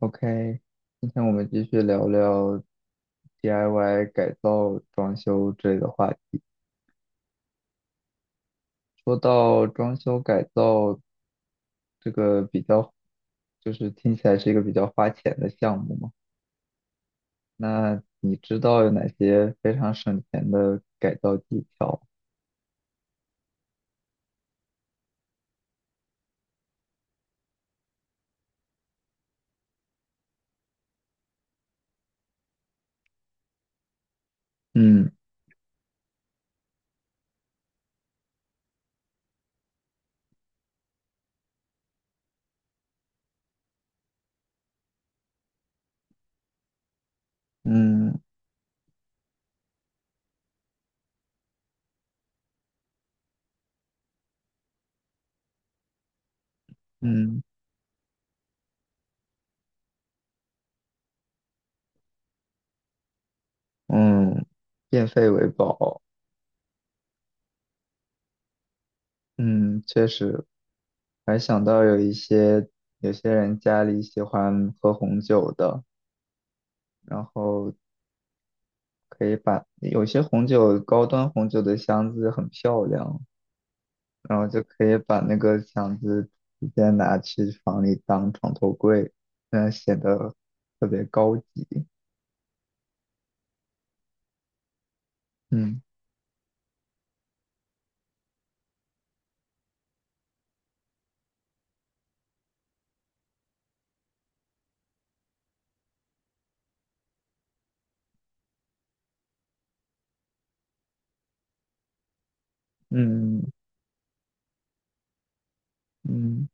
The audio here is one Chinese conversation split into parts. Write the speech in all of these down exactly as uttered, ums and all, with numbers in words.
OK，今天我们继续聊聊 D I Y 改造、装修之类的话题。说到装修改造这个比较，就是听起来是一个比较花钱的项目嘛。那你知道有哪些非常省钱的改造技巧？嗯嗯嗯嗯，变废为宝。嗯，确实，还想到有一些有些人家里喜欢喝红酒的，然后可以把有些红酒高端红酒的箱子很漂亮，然后就可以把那个箱子直接拿去房里当床头柜，嗯，显得特别高级。嗯嗯嗯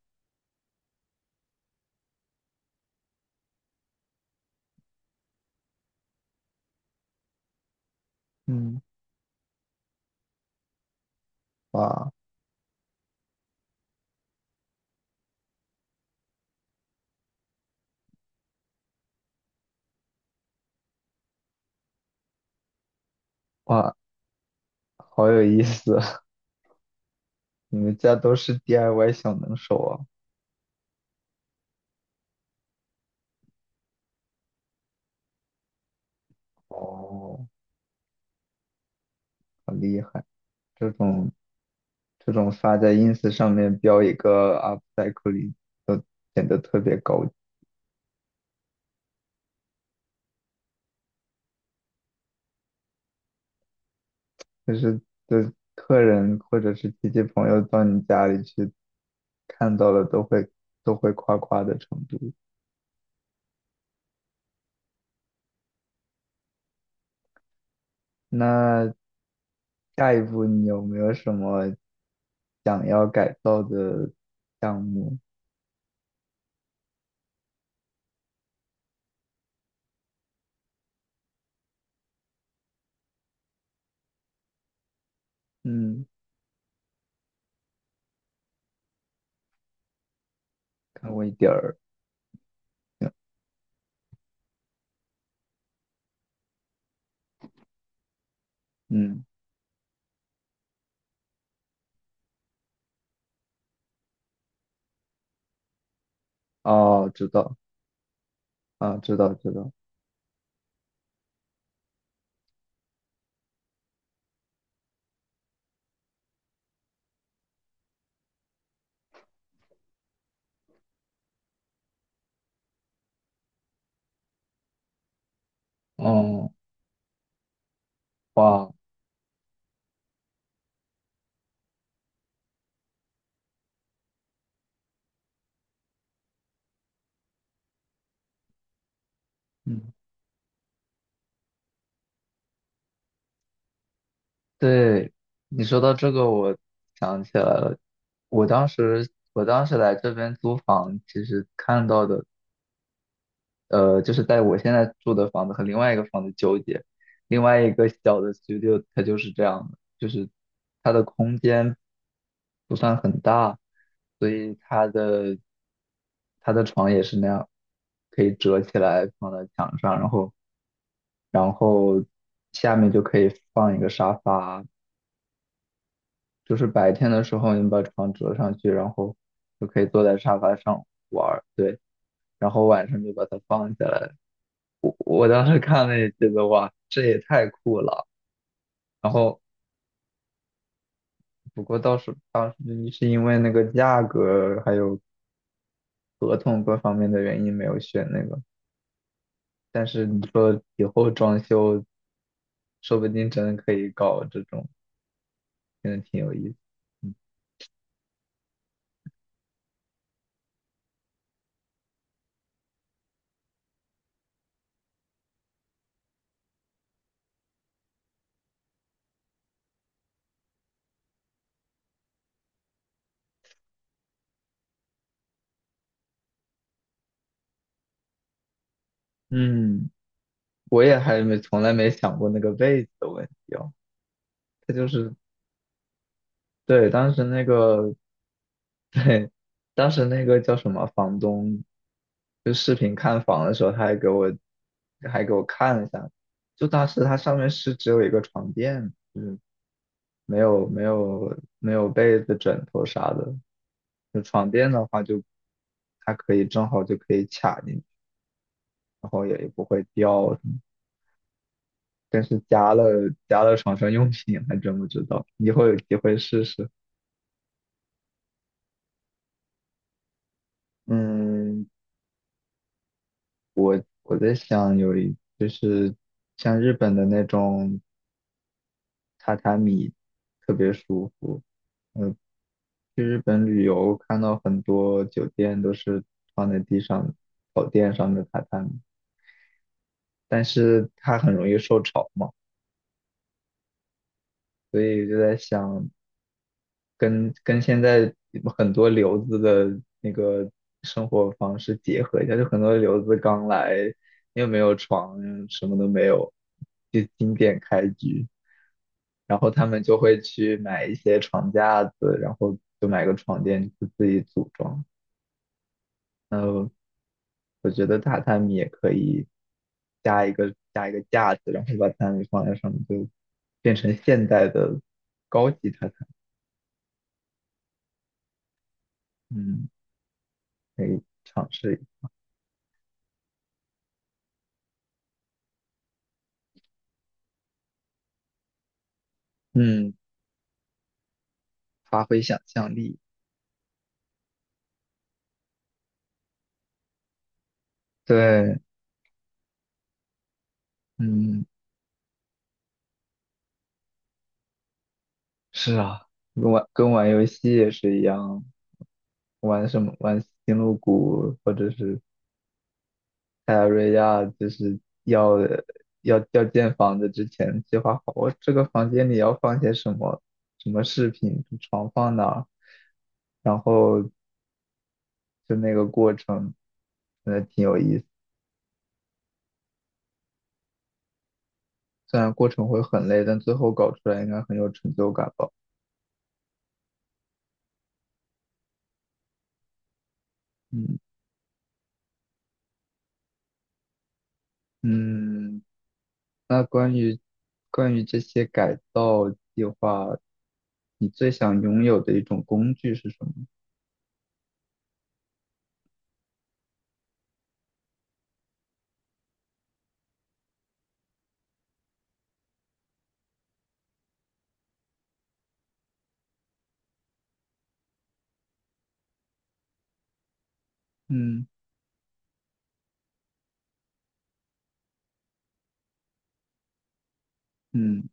嗯，哇哇，好有意思啊！你们家都是 D I Y 小能手啊？哦，好厉害！这种这种发在 ins 上面标一个 u p c y c l i 都显得特别高，就是的客人或者是亲戚朋友到你家里去看到了都会都会夸夸的程度。那下一步你有没有什么想要改造的项目？嗯，看过一点儿。嗯，哦，知道啊，知道知道。哦，哇，嗯，对，你说到这个，我想起来了。我当时我当时来这边租房，其实看到的。呃，就是在我现在住的房子和另外一个房子纠结，另外一个小的 studio 它就是这样的，就是它的空间不算很大，所以它的它的床也是那样，可以折起来放在墙上，然后然后下面就可以放一个沙发，就是白天的时候你把床折上去，然后就可以坐在沙发上玩儿，对，然后晚上就把它放下来。我当时看了也觉得哇，这也太酷了。然后不过倒是当时是因为那个价格还有合同各方面的原因没有选那个，但是你说以后装修说不定真的可以搞这种，真的挺有意思。嗯，嗯，我也还没从来没想过那个被子的问题哦。它就是对，当时那个。对，当时那个叫什么房东，就视频看房的时候，他还给我还给我看了一下，就当时它上面是只有一个床垫，嗯，没有没有没有被子、枕头啥的。就床垫的话就，它可以正好就可以卡进去，然后也不会掉什么。但是加了加了床上用品，还真不知道，以后有机会试试。嗯，我在想有一就是像日本的那种。榻榻米特别舒服。嗯，去日本旅游看到很多酒店都是放在地上草垫上的榻榻米，但是它很容易受潮嘛，所以就在想跟跟现在很多留子的那个生活方式结合一下，就很多留子刚来又没有床，什么都没有，就经典开局。然后他们就会去买一些床架子，然后就买个床垫就自己组装。嗯，我觉得榻榻米也可以加一个加一个架子，然后把榻榻米放在上面，就变成现代的高级榻榻米。嗯，可以尝试一下。嗯，发挥想象力。对，嗯，是啊，跟玩跟玩游戏也是一样，玩什么玩星露谷或者是泰拉瑞亚就是要要要建房子之前计划好，我这个房间里要放些什么什么饰品，床放哪儿，然后就那个过程，真的挺有意思。虽然过程会很累，但最后搞出来应该很有成就感吧。嗯嗯，那关于关于这些改造计划，你最想拥有的一种工具是什么？嗯嗯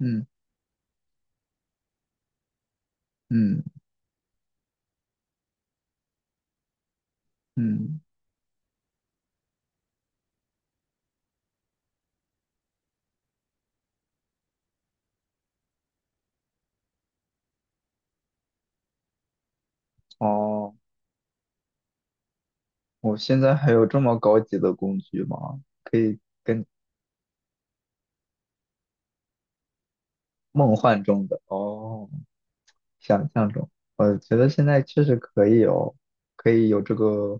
嗯嗯嗯，哦。我现在还有这么高级的工具吗？可以跟梦幻中的哦，想象中，我觉得现在确实可以有，可以有这个，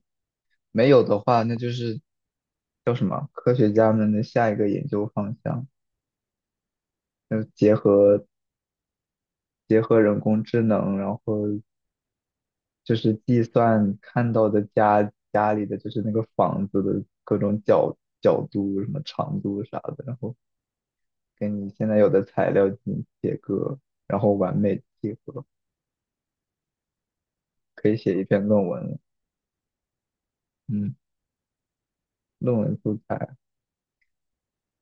没有的话，那就是叫什么？科学家们的下一个研究方向，就是结合结合人工智能，然后就是计算看到的家家里的就是那个房子的各种角角度、什么长度啥的，然后跟你现在有的材料进行切割，然后完美地合，可以写一篇论文了嗯，论文素材。